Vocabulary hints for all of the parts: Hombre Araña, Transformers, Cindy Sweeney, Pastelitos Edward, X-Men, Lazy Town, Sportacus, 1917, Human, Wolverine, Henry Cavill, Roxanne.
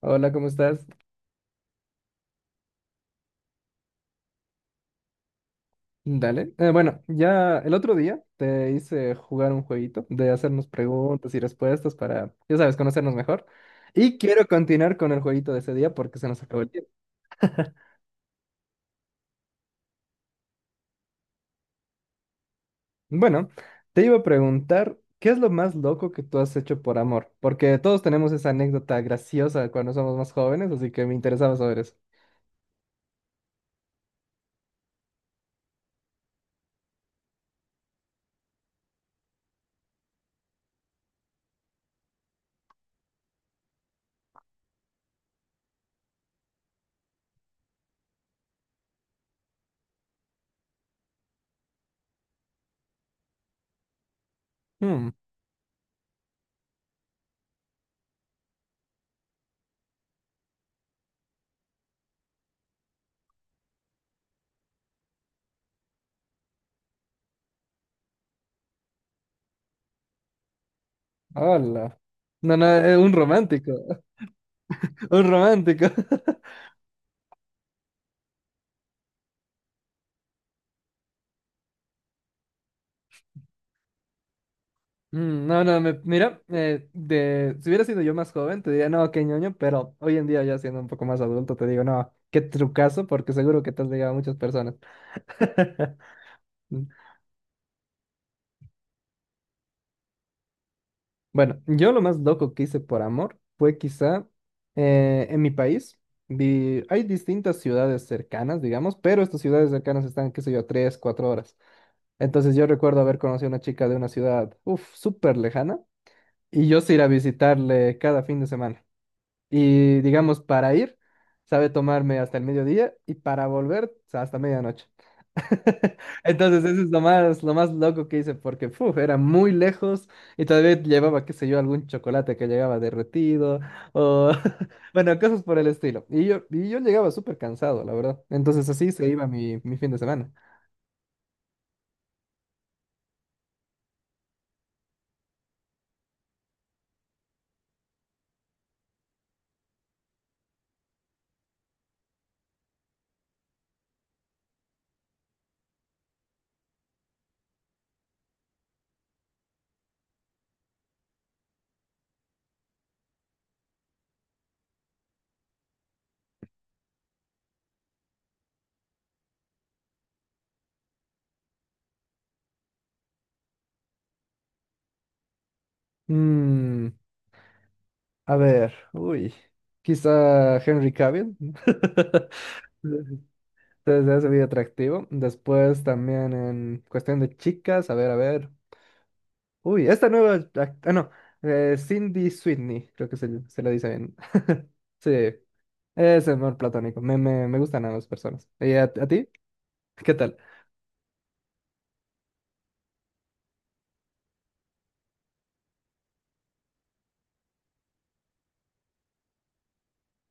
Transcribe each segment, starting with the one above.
Hola, ¿cómo estás? Dale. Bueno, ya el otro día te hice jugar un jueguito de hacernos preguntas y respuestas para, ya sabes, conocernos mejor. Y quiero continuar con el jueguito de ese día porque se nos acabó el tiempo. Bueno, te iba a preguntar, ¿qué es lo más loco que tú has hecho por amor? Porque todos tenemos esa anécdota graciosa cuando somos más jóvenes, así que me interesaba saber eso. Hmm, hola. No, no, un romántico. Un romántico. No, no, mira, si hubiera sido yo más joven, te diría, no, qué ñoño, pero hoy en día ya siendo un poco más adulto, te digo, no, qué trucazo, porque seguro que te has ligado a muchas personas. Mm, Bueno, yo lo más loco que hice por amor fue quizá en mi país, hay distintas ciudades cercanas, digamos, pero estas ciudades cercanas están, qué sé yo, tres, cuatro horas. Entonces yo recuerdo haber conocido a una chica de una ciudad, uff, súper lejana, y yo sí ir a visitarle cada fin de semana. Y digamos, para ir, sabe tomarme hasta el mediodía y para volver hasta medianoche. Entonces, eso es lo más loco que hice porque puf, era muy lejos y todavía llevaba, qué sé yo, algún chocolate que llegaba derretido o, bueno, cosas por el estilo. Y yo llegaba súper cansado, la verdad. Entonces, así se iba mi, mi fin de semana. Mm, a ver, uy, quizá Henry Cavill. Entonces es muy atractivo. Después también en cuestión de chicas, a ver, a ver. Uy, esta nueva... no, Cindy Sweeney, creo que se, se lo dice bien. Sí, es amor platónico. Me gustan ambas personas. ¿Y a ti? ¿Qué tal?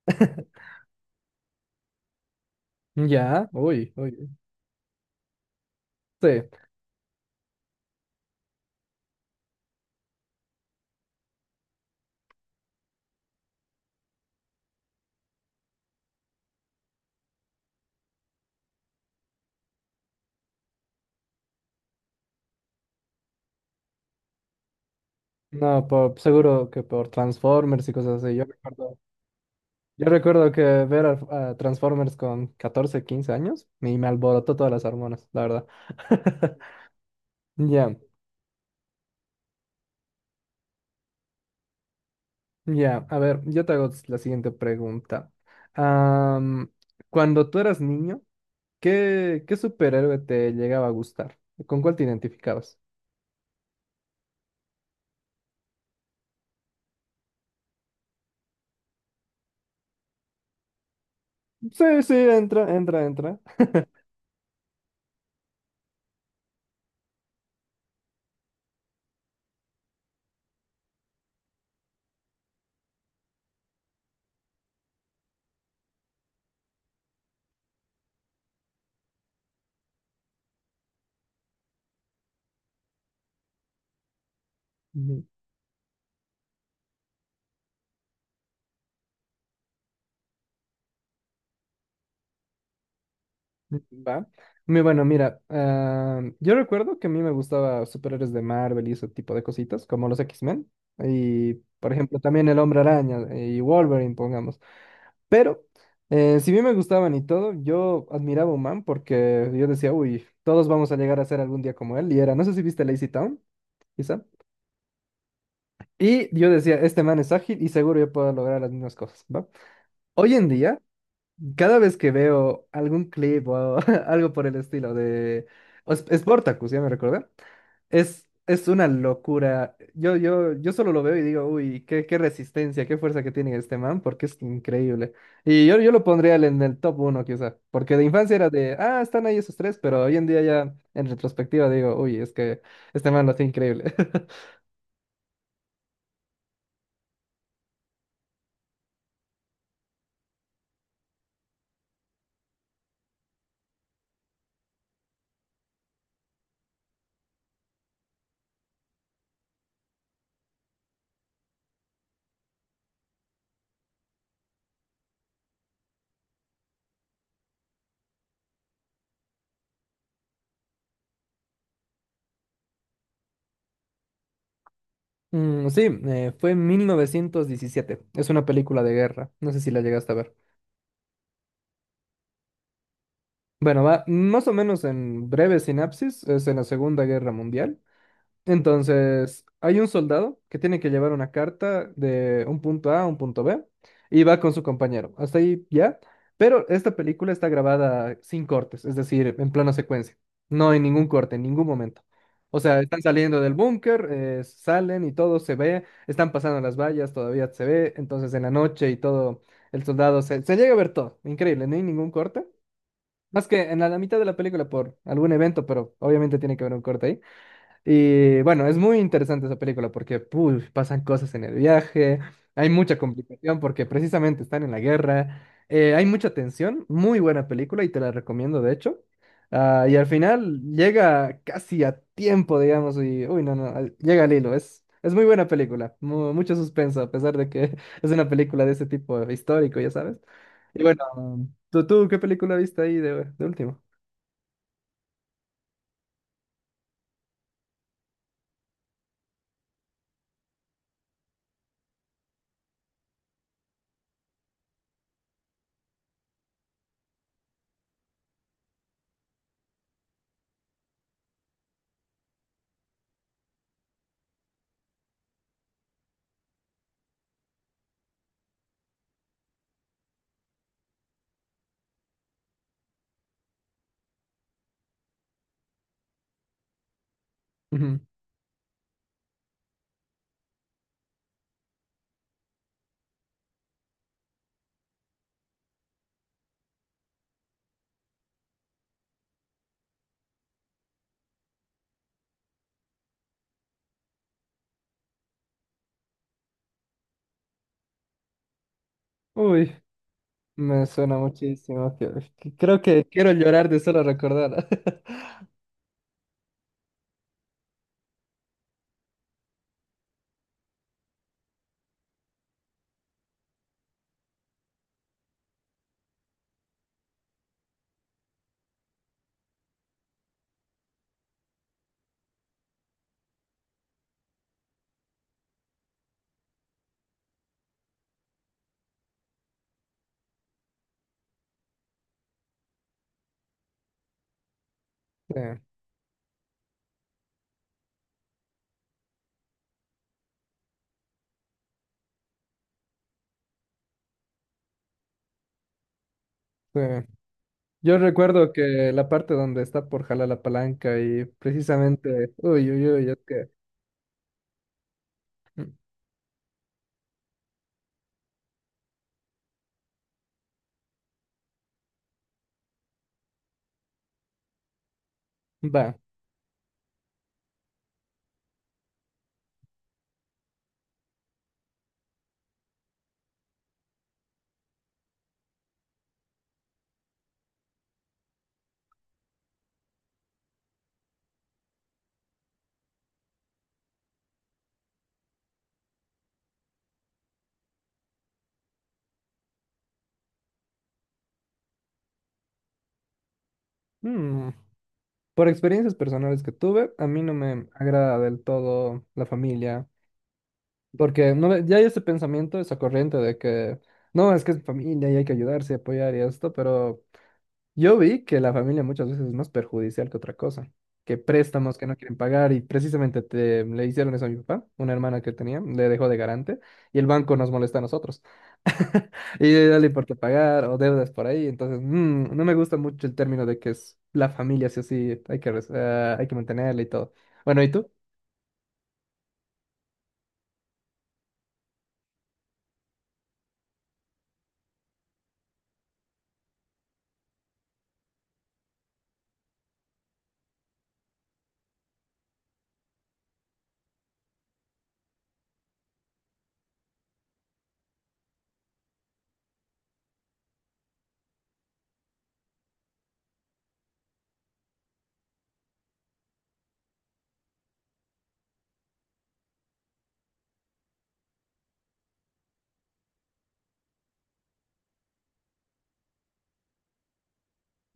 Ya, uy, uy. Sí, no, por, seguro que por Transformers y cosas así. Yo recuerdo que ver a Transformers con 14 15 años y me alborotó todas las hormonas, la verdad. Ya, ya, a ver, yo te hago la siguiente pregunta. Am, cuando tú eras niño, ¿qué, qué superhéroe te llegaba a gustar? ¿Con cuál te identificabas? Sí, sí, entra, entra, entra. Ujú. Va. Muy bueno, mira, yo recuerdo que a mí me gustaba superhéroes de Marvel y ese tipo de cositas, como los X-Men. Y, por ejemplo, también el Hombre Araña y Wolverine, pongamos. Pero, si bien me gustaban y todo, yo admiraba a Human porque yo decía, uy, todos vamos a llegar a ser algún día como él. Y era, no sé si viste Lazy Town, quizá. Y yo decía, este man es ágil y seguro yo puedo lograr las mismas cosas, ¿va? Hoy en día cada vez que veo algún clip o algo por el estilo de Sportacus, ya me recordé, es una locura. Yo solo lo veo y digo, uy, qué, qué resistencia, qué fuerza que tiene este man, porque es increíble. Y yo lo pondría en el top uno, quizá, porque de infancia era de, ah, están ahí esos tres, pero hoy en día ya en retrospectiva digo, uy, es que este man lo hace increíble. Sí, fue en 1917, es una película de guerra, no sé si la llegaste a ver. Bueno, va más o menos en breve sinapsis, es en la Segunda Guerra Mundial. Entonces, hay un soldado que tiene que llevar una carta de un punto A a un punto B y va con su compañero. Hasta ahí ya. Pero esta película está grabada sin cortes, es decir, en plano secuencia. No hay ningún corte en ningún momento. O sea, están saliendo del búnker, salen y todo se ve, están pasando las vallas, todavía se ve. Entonces, en la noche y todo, el soldado se, se llega a ver todo. Increíble, no hay ningún corte. Más que en la, la mitad de la película por algún evento, pero obviamente tiene que haber un corte ahí. Y bueno, es muy interesante esa película porque puy, pasan cosas en el viaje, hay mucha complicación porque precisamente están en la guerra, hay mucha tensión, muy buena película y te la recomiendo de hecho. Ah, y al final llega casi a tiempo, digamos, y uy, no, no, llega al hilo, es muy buena película, mucho suspenso a pesar de que es una película de ese tipo histórico, ya sabes. Y bueno, ¿tú, tú qué película viste ahí de último? Ujú. Uy. Me suena muchísimo. Que creo que quiero llorar de solo recordar. Sí, sí. Yo recuerdo que la parte donde está por jalar la palanca y precisamente, uy, uy, uy, es que, mm, va, mm, por experiencias personales que tuve, a mí no me agrada del todo la familia, porque no, ya hay ese pensamiento, esa corriente de que, no, es que es familia y hay que ayudarse y apoyar y esto, pero yo vi que la familia muchas veces es más perjudicial que otra cosa, que préstamos que no quieren pagar y precisamente te, le hicieron eso a mi papá, una hermana que tenía, le dejó de garante y el banco nos molesta a nosotros. Y dale por qué pagar o deudas por ahí, entonces no me gusta mucho el término de que es la familia, sí o sí, hay que, hay que mantenerla y todo. Bueno, ¿y tú?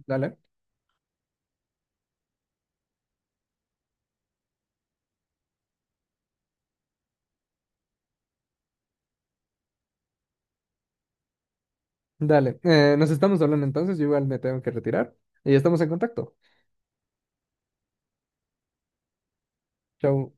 Dale, dale. Nos estamos hablando entonces, yo igual me tengo que retirar y estamos en contacto. Chau.